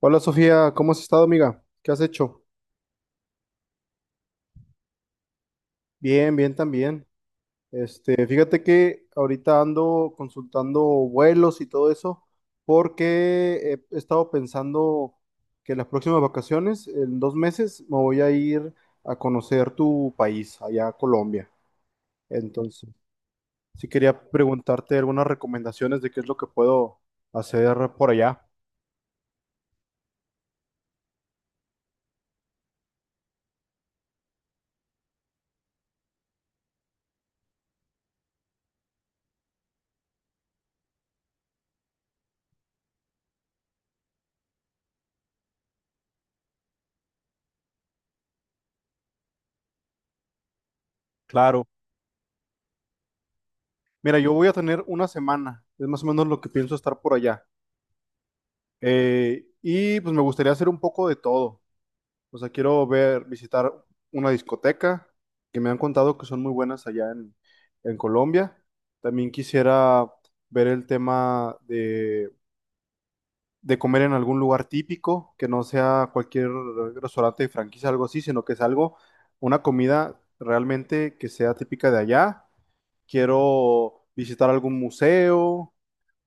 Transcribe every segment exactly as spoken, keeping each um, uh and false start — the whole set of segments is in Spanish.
Hola Sofía, ¿cómo has estado, amiga? ¿Qué has hecho? Bien, bien también. Este, fíjate que ahorita ando consultando vuelos y todo eso porque he estado pensando que las próximas vacaciones, en dos meses, me voy a ir a conocer tu país, allá a Colombia. Entonces, sí quería preguntarte algunas recomendaciones de qué es lo que puedo hacer por allá. Claro. Mira, yo voy a tener una semana, es más o menos lo que pienso estar por allá. Eh, y pues me gustaría hacer un poco de todo. O sea, quiero ver, visitar una discoteca, que me han contado que son muy buenas allá en, en Colombia. También quisiera ver el tema de, de comer en algún lugar típico, que no sea cualquier restaurante de franquicia, algo así, sino que es algo, una comida realmente que sea típica de allá. Quiero visitar algún museo,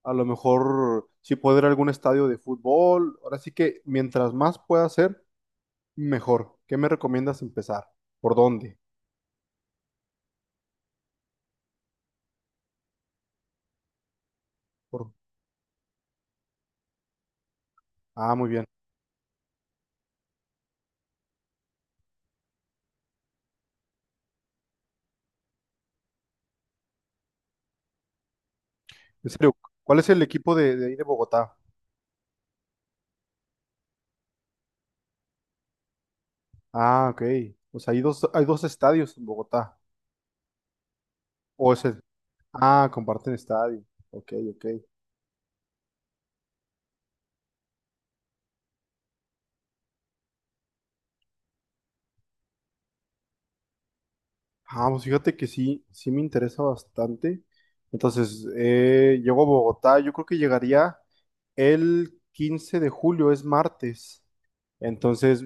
a lo mejor sí puedo ir a algún estadio de fútbol. Ahora sí que mientras más pueda hacer, mejor. ¿Qué me recomiendas empezar? ¿Por dónde? Por... Ah, muy bien. En serio, ¿cuál es el equipo de, de ahí de Bogotá? Ah, ok. Pues hay dos, hay dos estadios en Bogotá. O es el... Ah, comparten estadio. Ok, ok. Ah, pues fíjate que sí, sí me interesa bastante. Entonces, eh, llego a Bogotá, yo creo que llegaría el quince de julio, es martes. Entonces,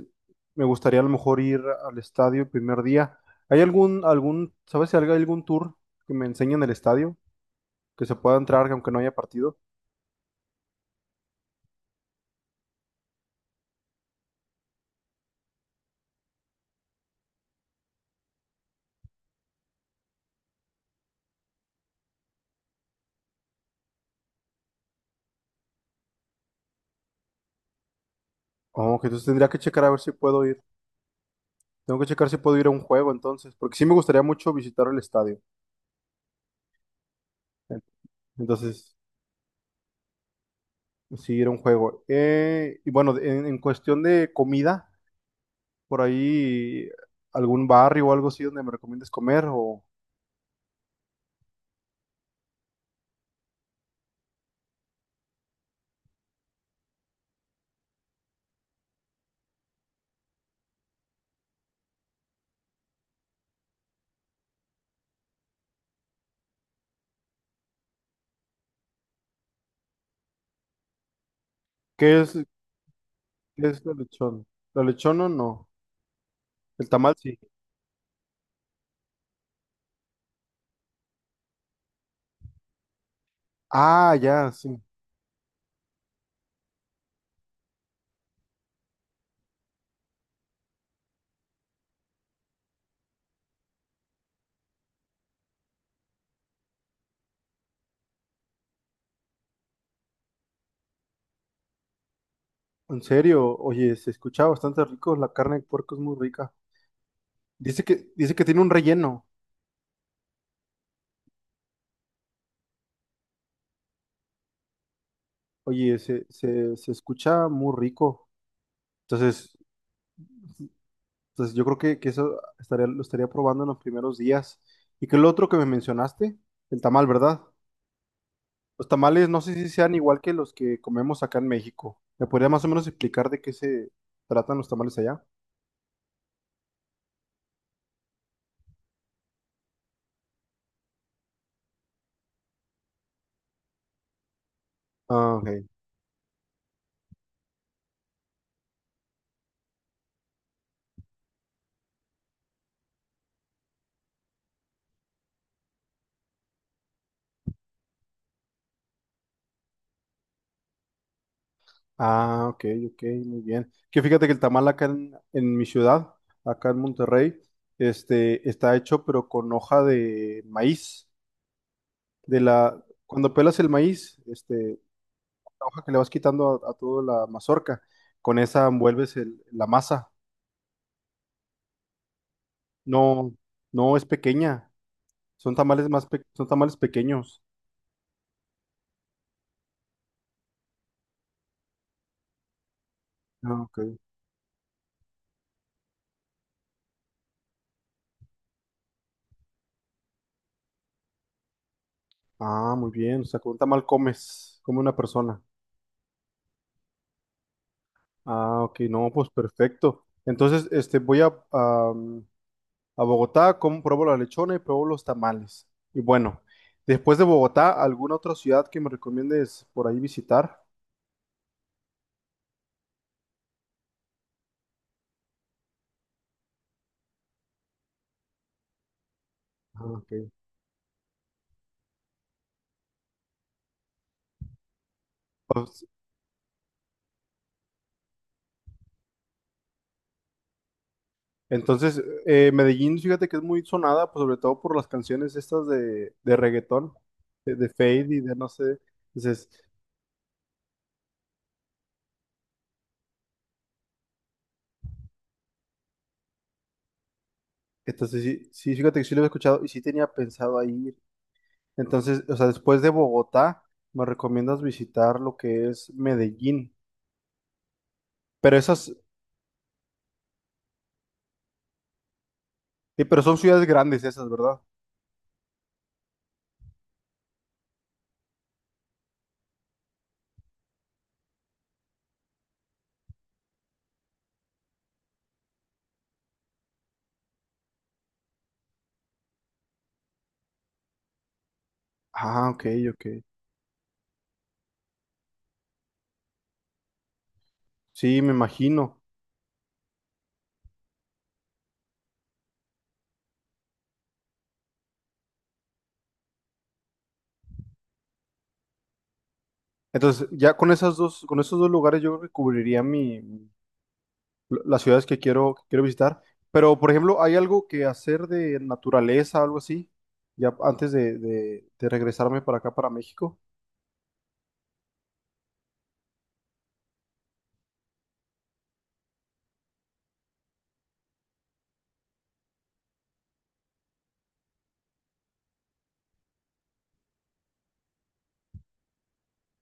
me gustaría a lo mejor ir al estadio el primer día. ¿Hay algún, algún, sabes si hay algún tour que me enseñen el estadio? Que se pueda entrar aunque no haya partido. Oh, que entonces tendría que checar a ver si puedo ir. Tengo que checar si puedo ir a un juego entonces, porque sí me gustaría mucho visitar el estadio. Entonces, sí, era un juego. Eh, y bueno, en, en cuestión de comida, por ahí algún barrio o algo así donde me recomiendes comer o ¿qué es, ¿qué es la lechón? ¿La lechona no? El tamal sí. Ah, ya, sí. En serio, oye, se escucha bastante rico, la carne de puerco es muy rica. Dice que, dice que tiene un relleno. Oye, se, se, se escucha muy rico. Entonces, entonces yo creo que, que eso estaría, lo estaría probando en los primeros días. ¿Y qué es lo otro que me mencionaste? El tamal, ¿verdad? Los tamales no sé si sean igual que los que comemos acá en México. ¿Me podría más o menos explicar de qué se tratan los tamales allá? Ah, ok. Ah, ok, ok, muy bien. Que fíjate que el tamal acá en, en mi ciudad, acá en Monterrey, este, está hecho pero con hoja de maíz. De la, cuando pelas el maíz, este, la hoja que le vas quitando a, a toda la mazorca, con esa envuelves el- la masa. No, no es pequeña. Son tamales más, pe- son tamales pequeños. Ah, ok. Ah, muy bien. O sea, con un tamal comes, come una persona. Ah, ok, no, pues perfecto. Entonces, este, voy a, a, a Bogotá, como pruebo la lechona y pruebo los tamales. Y bueno, después de Bogotá, ¿alguna otra ciudad que me recomiendes por ahí visitar? Ah, ok. Pues, entonces, eh, Medellín, fíjate que es muy sonada, pues sobre todo por las canciones estas de, de reggaetón, de, de Fade y de no sé. Entonces, entonces sí, sí, fíjate que sí lo he escuchado y sí tenía pensado ahí. Entonces, o sea, después de Bogotá, me recomiendas visitar lo que es Medellín. Pero esas, sí, pero son ciudades grandes esas, ¿verdad? Ah, ok, ok. Sí, me imagino. Entonces, ya con esas dos, con esos dos lugares yo creo que cubriría mi, las ciudades que quiero, que quiero visitar. Pero, por ejemplo, ¿hay algo que hacer de naturaleza, algo así? Ya antes de, de- de regresarme para acá, para México.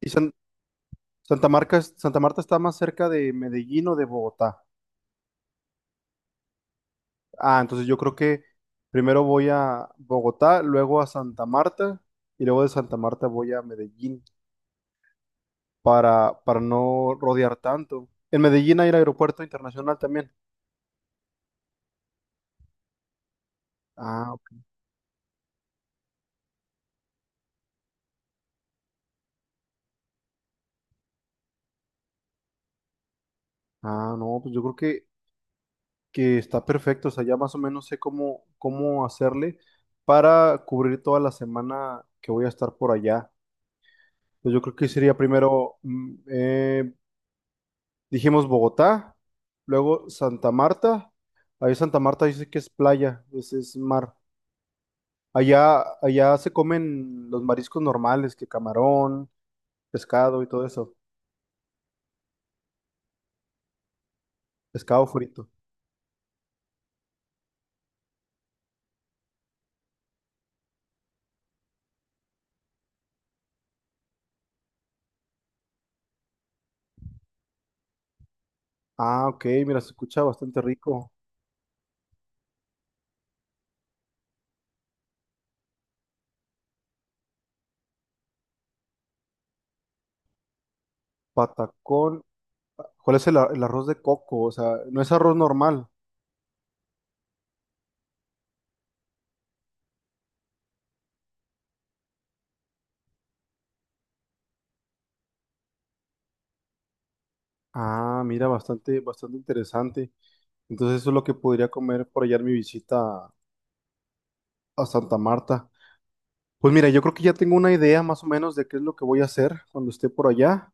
¿Y San- Santa Marta, Santa Marta está más cerca de Medellín o de Bogotá? Ah, entonces yo creo que primero voy a Bogotá, luego a Santa Marta y luego de Santa Marta voy a Medellín para, para no rodear tanto. En Medellín hay el aeropuerto internacional también. Ah, ok. Ah, no, pues yo creo que, que está perfecto. O sea, ya más o menos sé cómo, cómo hacerle para cubrir toda la semana que voy a estar por allá. Pues yo creo que sería primero mm, eh, dijimos Bogotá, luego Santa Marta. Ahí Santa Marta dice que es playa, es, es mar. Allá, allá se comen los mariscos normales, que camarón, pescado y todo eso. Pescado frito. Ah, ok, mira, se escucha bastante rico. Patacón. ¿Cuál es el, a- el arroz de coco? O sea, no es arroz normal. Ah, mira, bastante, bastante interesante. Entonces eso es lo que podría comer por allá en mi visita a Santa Marta. Pues mira, yo creo que ya tengo una idea más o menos de qué es lo que voy a hacer cuando esté por allá.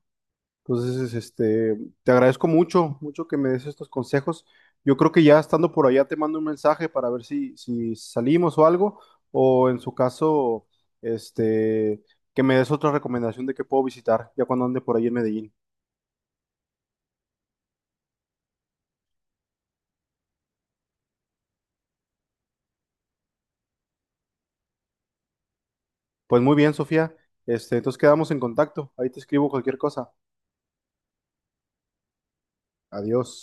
Entonces, este, te agradezco mucho, mucho que me des estos consejos. Yo creo que ya estando por allá te mando un mensaje para ver si, si salimos o algo, o en su caso, este, que me des otra recomendación de qué puedo visitar ya cuando ande por ahí en Medellín. Pues muy bien, Sofía. Este, entonces quedamos en contacto. Ahí te escribo cualquier cosa. Adiós.